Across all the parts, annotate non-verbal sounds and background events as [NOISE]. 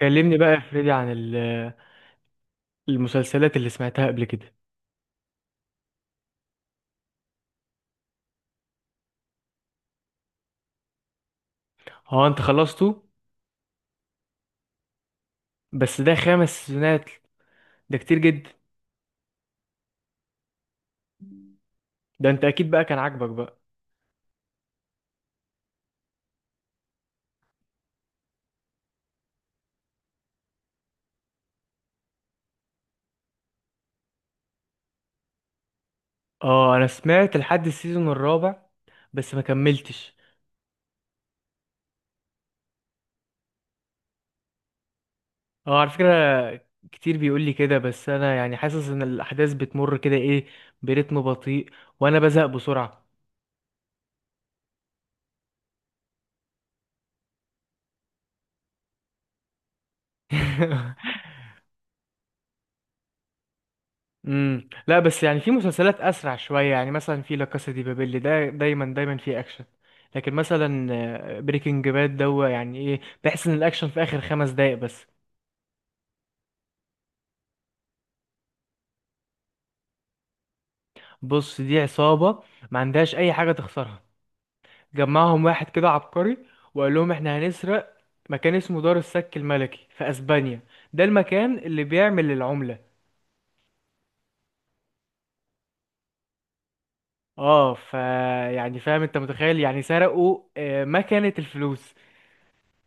كلمني بقى يا فريدي عن المسلسلات اللي سمعتها قبل كده. هو انت خلصته؟ بس ده خمس سيزونات، ده كتير جدا. ده انت اكيد بقى كان عاجبك بقى. اه، انا سمعت لحد السيزون الرابع بس ما كملتش. اه على فكرة، كتير بيقول لي كده، بس انا يعني حاسس ان الاحداث بتمر كده ايه، برتم بطيء، وانا بزهق بسرعة. [LAUGHS] لا بس يعني في مسلسلات اسرع شويه، يعني مثلا في لا كاسا دي بابيل ده دايما دايما في اكشن. لكن مثلا بريكنج باد دو، يعني ايه، بحس ان الاكشن في اخر خمس دقايق بس. بص، دي عصابه ما عندهاش اي حاجه تخسرها. جمعهم واحد كده عبقري وقال لهم احنا هنسرق مكان اسمه دار السك الملكي في اسبانيا، ده المكان اللي بيعمل العمله. اه، يعني فاهم، انت متخيل؟ يعني سرقوا مكنه الفلوس.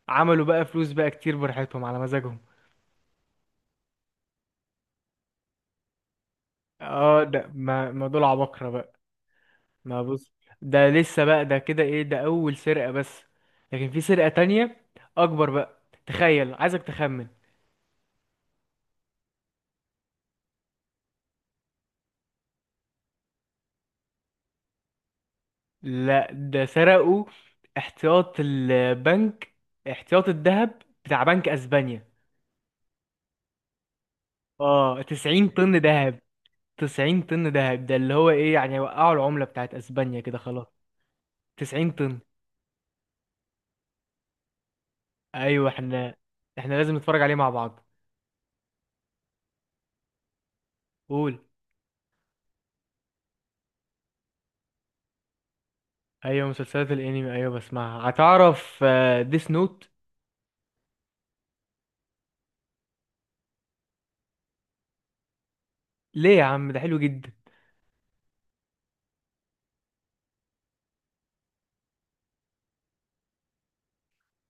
عملوا بقى فلوس بقى كتير، براحتهم على مزاجهم. اه ده ما دول عباقرة بقى. ما بص، ده لسه بقى ده كده ايه، ده اول سرقة بس. لكن في سرقة تانية اكبر بقى، تخيل، عايزك تخمن. لا، ده سرقوا احتياط البنك، احتياط الذهب بتاع بنك اسبانيا. اه، 90 طن ذهب. 90 طن ذهب، ده اللي هو ايه يعني، وقعوا العملة بتاعت اسبانيا كده خلاص. 90 طن. ايوه، احنا لازم نتفرج عليه مع بعض. قول. ايوه، مسلسلات الانمي ايوه بسمعها. هتعرف ديس نوت؟ ليه يا عم، ده حلو جدا.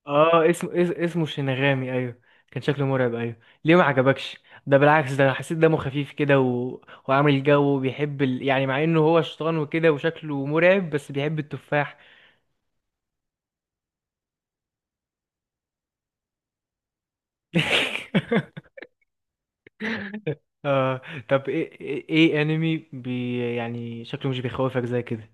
اه اسمه شينغامي، ايوه كان شكله مرعب، ايوه. ليه ما عجبكش؟ ده بالعكس، ده انا حسيت دمه خفيف كده و... وعامل جو، وبيحب يعني، مع انه هو شيطان وكده وشكله مرعب بس بيحب التفاح. [LAUGHS] آه طب ايه ايه إيه انمي بي يعني شكله مش بيخوفك زي كده؟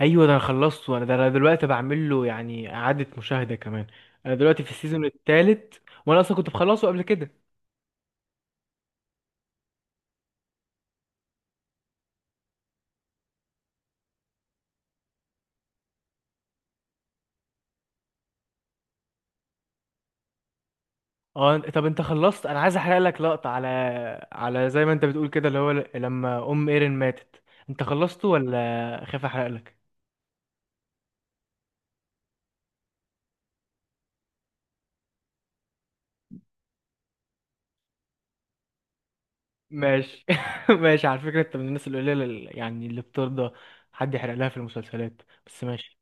ايوه ده انا خلصته، انا ده انا دلوقتي بعمل له يعني اعاده مشاهده كمان. انا دلوقتي في السيزون الثالث، وانا اصلا كنت مخلصه قبل كده. اه، طب انت خلصت؟ انا عايز احرق لك لقطه على زي ما انت بتقول كده، اللي هو لما ام ايرين ماتت. انت خلصته ولا خايف احرق لك؟ ماشي. [LAUGHS] ماشي، على فكره انت من الناس القليله يعني اللي بترضى حد يحرق لها في المسلسلات، بس ماشي.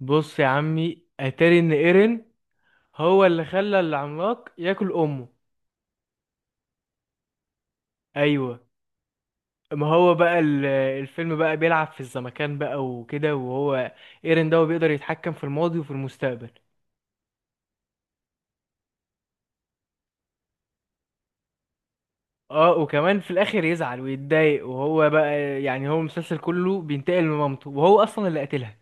بص يا عمي، اتاري ان ايرين هو اللي خلى العملاق ياكل امه. ايوه، ما هو بقى الفيلم بقى بيلعب في الزمكان بقى وكده، وهو ايرين ده هو بيقدر يتحكم في الماضي وفي المستقبل. اه، وكمان في الاخر يزعل ويتضايق، وهو بقى يعني هو المسلسل كله بينتقم لمامته وهو اصلا اللي قتلها.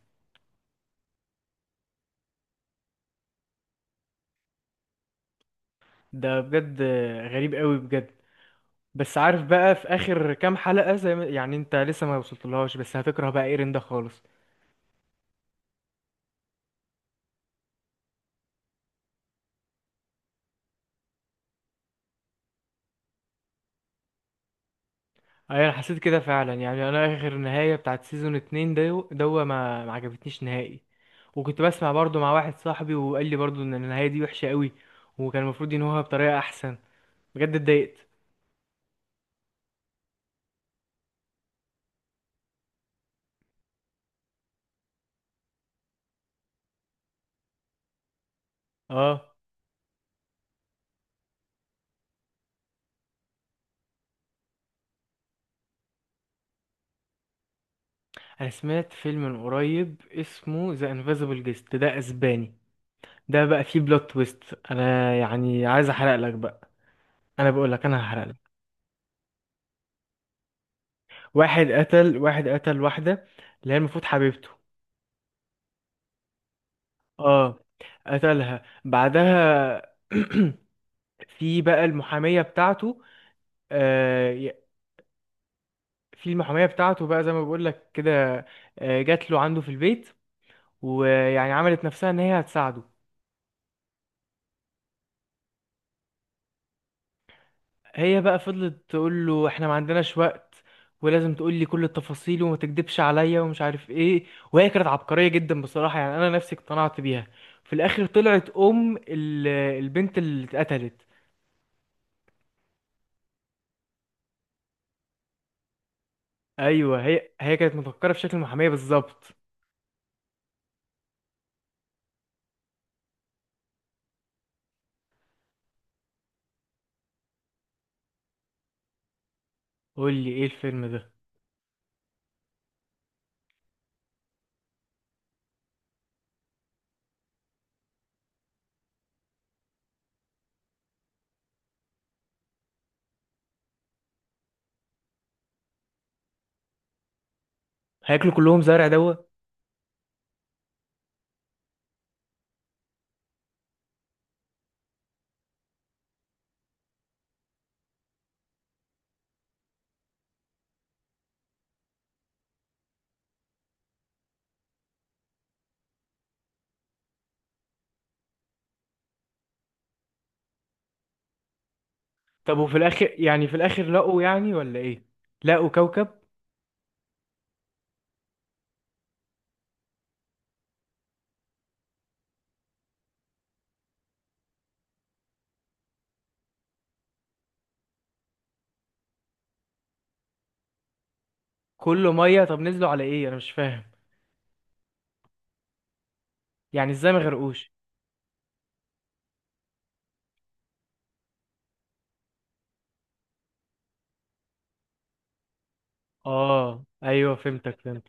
ده بجد غريب قوي بجد. بس عارف بقى في اخر كام حلقة، زي ما يعني انت لسه ما وصلتلهاش، بس هتكره بقى ايرين ده خالص. ايوه، انا حسيت كده فعلا. يعني انا اخر نهاية بتاعت سيزون اتنين ده دوا ما عجبتنيش نهائي. وكنت بسمع برضو مع واحد صاحبي، وقال لي برضو ان النهايه دي وحشه قوي، وكان المفروض ينهوها بطريقه احسن. بجد اتضايقت. اه، انا سمعت فيلم من قريب اسمه ذا انفيزبل جيست، ده اسباني. ده بقى فيه بلوت تويست، انا يعني عايز احرق لك بقى. انا بقول لك انا هحرق لك. واحد قتل واحده، اللي هي المفروض حبيبته. اه، قتلها بعدها. [CLEARS THROAT] في بقى المحاميه بتاعته آه، في المحامية بتاعته بقى زي ما بقول لك كده، جات له عنده في البيت، ويعني عملت نفسها ان هي هتساعده. هي بقى فضلت تقول له احنا ما عندناش وقت، ولازم تقول لي كل التفاصيل، وما تكدبش عليا، ومش عارف ايه. وهي كانت عبقرية جدا بصراحة، يعني انا نفسي اقتنعت بيها. في الاخر طلعت ام البنت اللي اتقتلت. ايوه، هي كانت مفكرة في شكل المحامية بالظبط. قول لي ايه الفيلم ده. هياكلوا كلهم زرع دوا؟ طب وفي الاخر، يعني في الاخر لقوا، يعني ولا ايه؟ لقوا كوكب كله ميه؟ طب نزلوا على ايه، انا مش فاهم. يعني ازاي ما غرقوش؟ اه ايوه، فهمتك، فهمت.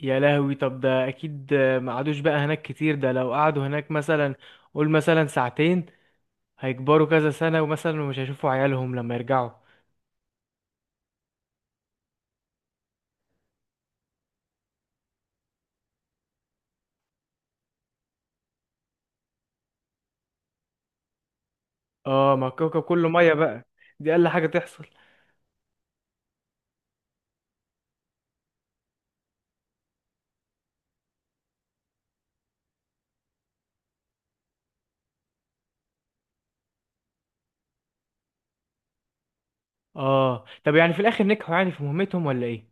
يا لهوي، طب ده اكيد ما قعدوش بقى هناك كتير، ده لو قعدوا هناك مثلا، قول مثلا ساعتين، هيكبروا كذا سنة، ومثلا مش هيشوفوا عيالهم لما يرجعوا. اه، ما الكوكب كله ميه بقى، دي اقل حاجة تحصل. اه، طب يعني في الاخر نجحوا يعني في مهمتهم، ولا ايه؟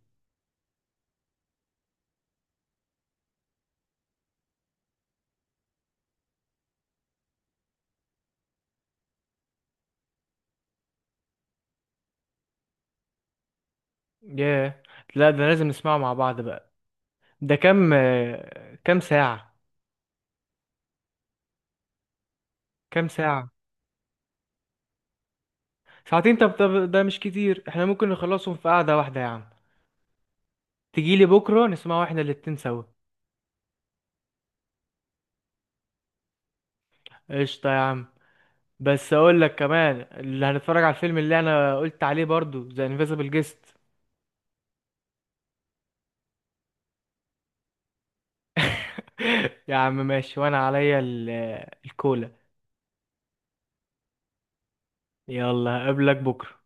ياه. لا ده لازم نسمعه مع بعض بقى. ده كام ساعة؟ كام ساعة؟ ساعتين؟ طب طب، ده مش كتير، احنا ممكن نخلصهم في قعدة واحدة يا عم. تجيلي بكرة نسمعه احنا الاتنين سوا؟ قشطة يا عم. بس اقول لك كمان اللي هنتفرج على الفيلم اللي انا قلت عليه برضو، ذا انفيزبل جيست. [LAUGHS] يا عم ماشي، وانا عليا الكولا. يلا اقابلك بكرة.